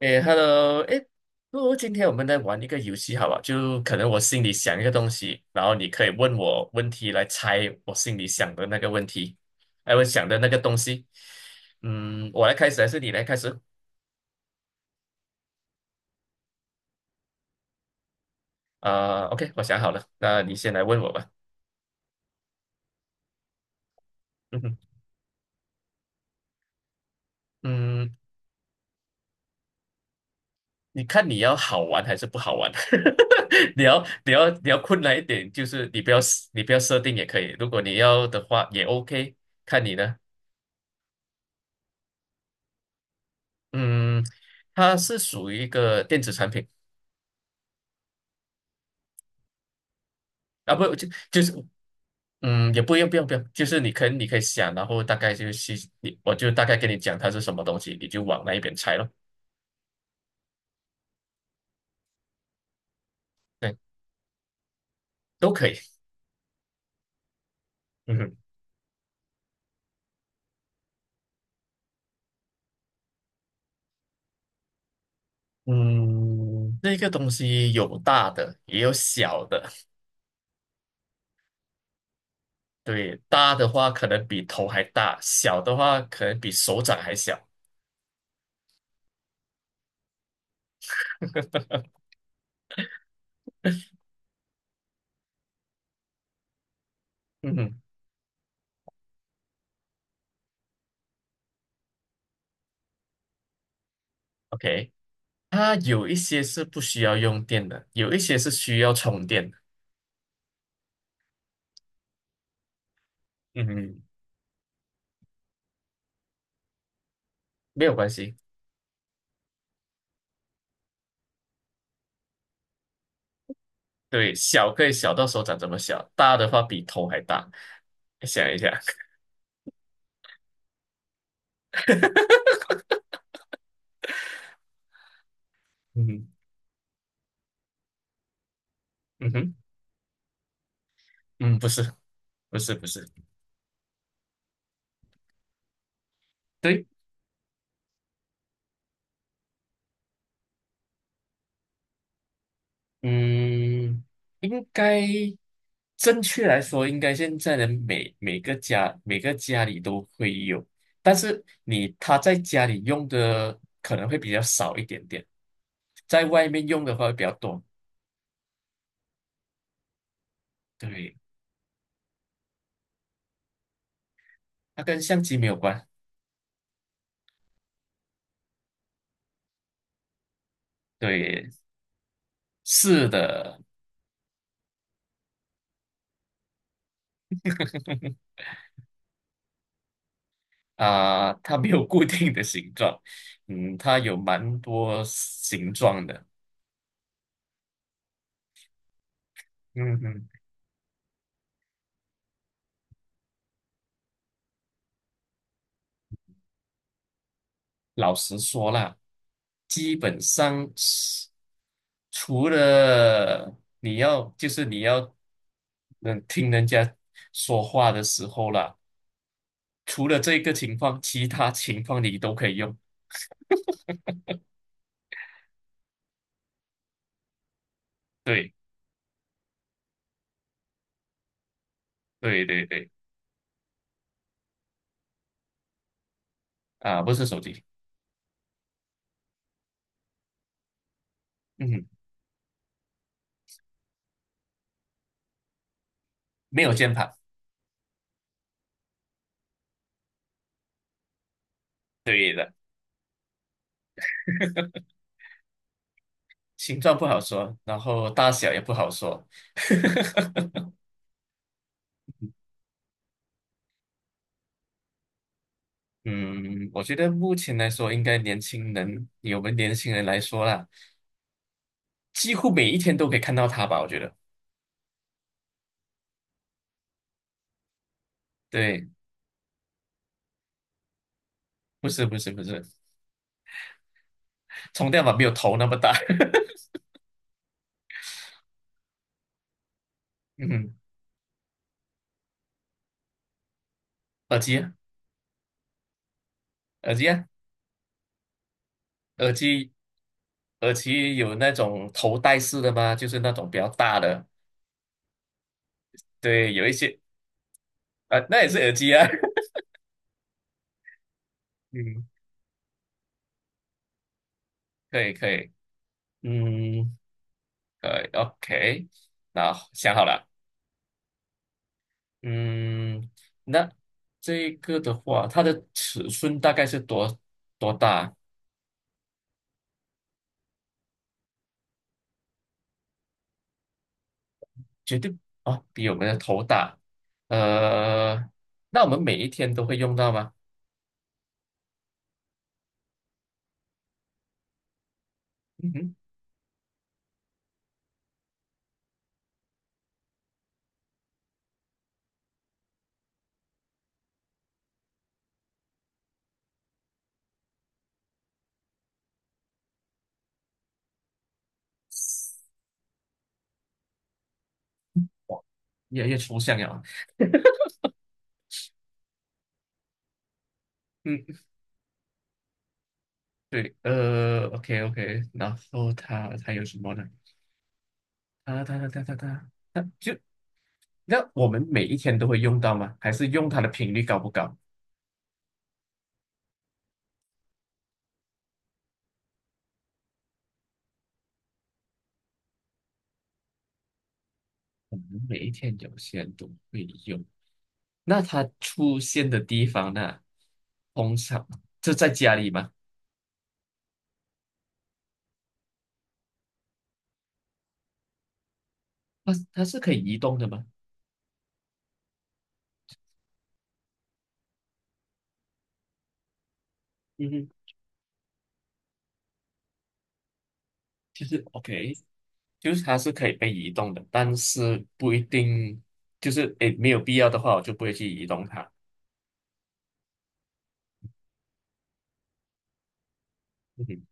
诶，Hello，诶，不如今天我们来玩一个游戏好吧？就可能我心里想一个东西，然后你可以问我问题来猜我心里想的那个问题，哎，我想的那个东西。嗯，我来开始还是你来开始？啊，OK，我想好了，那你先来问我吧。嗯哼，嗯，你看你要好玩还是不好玩？你要困难一点，就是你不要设定也可以，如果你要的话也 OK，看你呢。嗯，它是属于一个电子产品啊，不就就是，嗯，也不用，就是你可以想，然后大概就是我就大概跟你讲它是什么东西，你就往那一边猜咯，对，都可以，嗯哼。嗯，那个东西有大的也有小的，对，大的话可能比头还大，小的话可能比手掌还小，嗯哼，OK,它有一些是不需要用电的，有一些是需要充电的，嗯哼，没有关系。对，小可以小到手掌这么小，大的话比头还大。想一下，嗯哼，嗯哼，嗯，不是，不是，不是，对，嗯，应该正确来说，应该现在的每个家里都会有，但是他在家里用的可能会比较少一点点，在外面用的话会比较多。对，它跟相机没有关。对，是的，啊、它没有固定的形状，嗯，它有蛮多形状的，嗯哼，老实说啦，基本上是除了你要就是你要嗯听人家说话的时候啦，除了这个情况，其他情况你都可以用。对对对对，啊，不是手机，嗯哼，没有键盘，形状不好说，然后大小也不好说。嗯，我觉得目前来说，应该年轻人，以我们年轻人来说啦，几乎每一天都可以看到它吧。我觉得，对，不是，充电宝没有头那么大。嗯，耳机啊，耳机啊，耳机，耳机有那种头戴式的吗？就是那种比较大的，对，有一些啊，那也是耳机啊。嗯，可以可以，嗯，可以，OK，那想好了。嗯，那这个的话，它的尺寸大概是多大？绝对啊，比我们的头大。呃，那我们每一天都会用到吗？嗯哼，越来越抽象了。嗯，对，呃，OK OK，然后它还有什么呢？它就那我们每一天都会用到吗？还是用它的频率高不高？我们每一天有些都会用。那它出现的地方呢，通常就在家里吗？它是可以移动的吗？嗯哼，就是 OK，就是它是可以被移动的，但是不一定，就是诶没有必要的话，我就不会去移动它。嗯哼，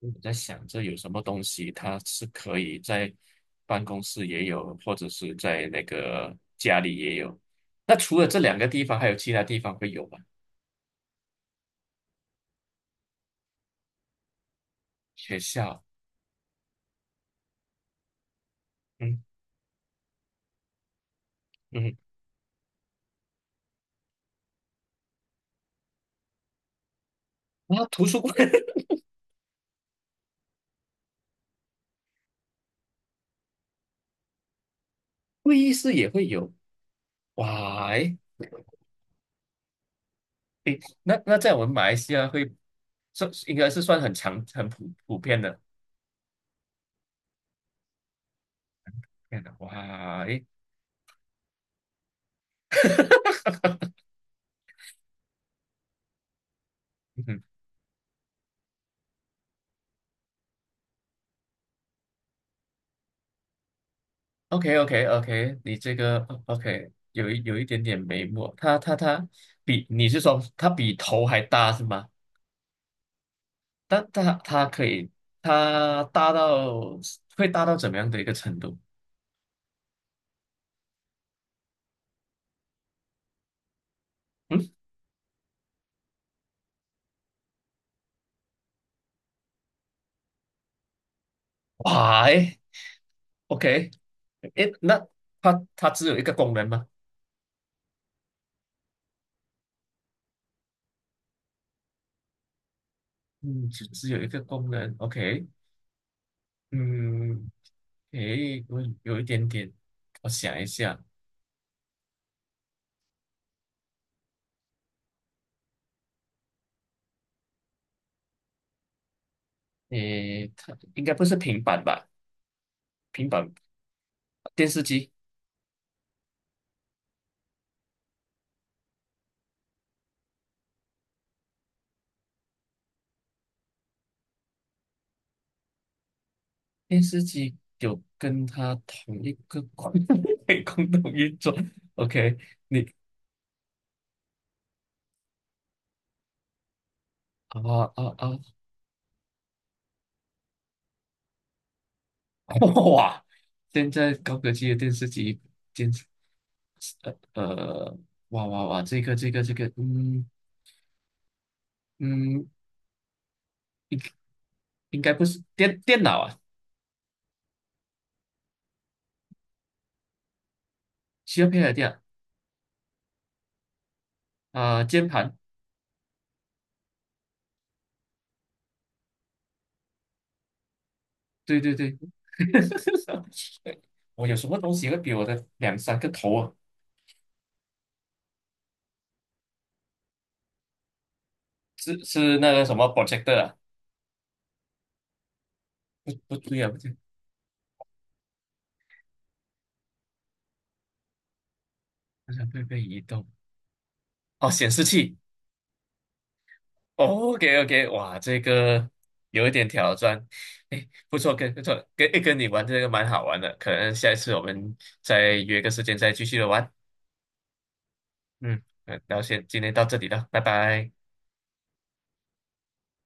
我在想这有什么东西，它是可以在办公室也有，或者是在那个家里也有。那除了这两个地方，还有其他地方会有吗？学校，嗯嗯哼，然图书馆、会议室也会有。哇，诶诶，那那在我们马来西亚会算应该是算很强很普遍的。天哪，哇，诶，嗯，OK OK OK，你这个 OK 有一点点眉目，它比你是说它比头还大是吗？但它可以它大到会大到怎么样的一个程度？嗯，哇，诶，OK，诶，那它只有一个功能吗？嗯，只只有一个功能，OK，嗯。诶，我有一点点，我想一下，诶，它应该不是平板吧？平板电视机，电视机有跟它同一个共 共同运作。OK，你啊啊，哇！现在高科技的电视机，电视呃呃，哇哇哇，这个，嗯，应应该不是电脑啊，需要配合电脑啊，键盘，对对对。我有什么东西会比我的两三个头啊？是是那个什么 projector 啊？不对啊，不对，好像会被移动。哦，显示器。哦，OK OK，哇，这个有一点挑战。哎，不错，跟不错，跟你玩这个蛮好玩的。可能下一次我们再约个时间再继续的玩。嗯，然后先今天到这里了，拜拜。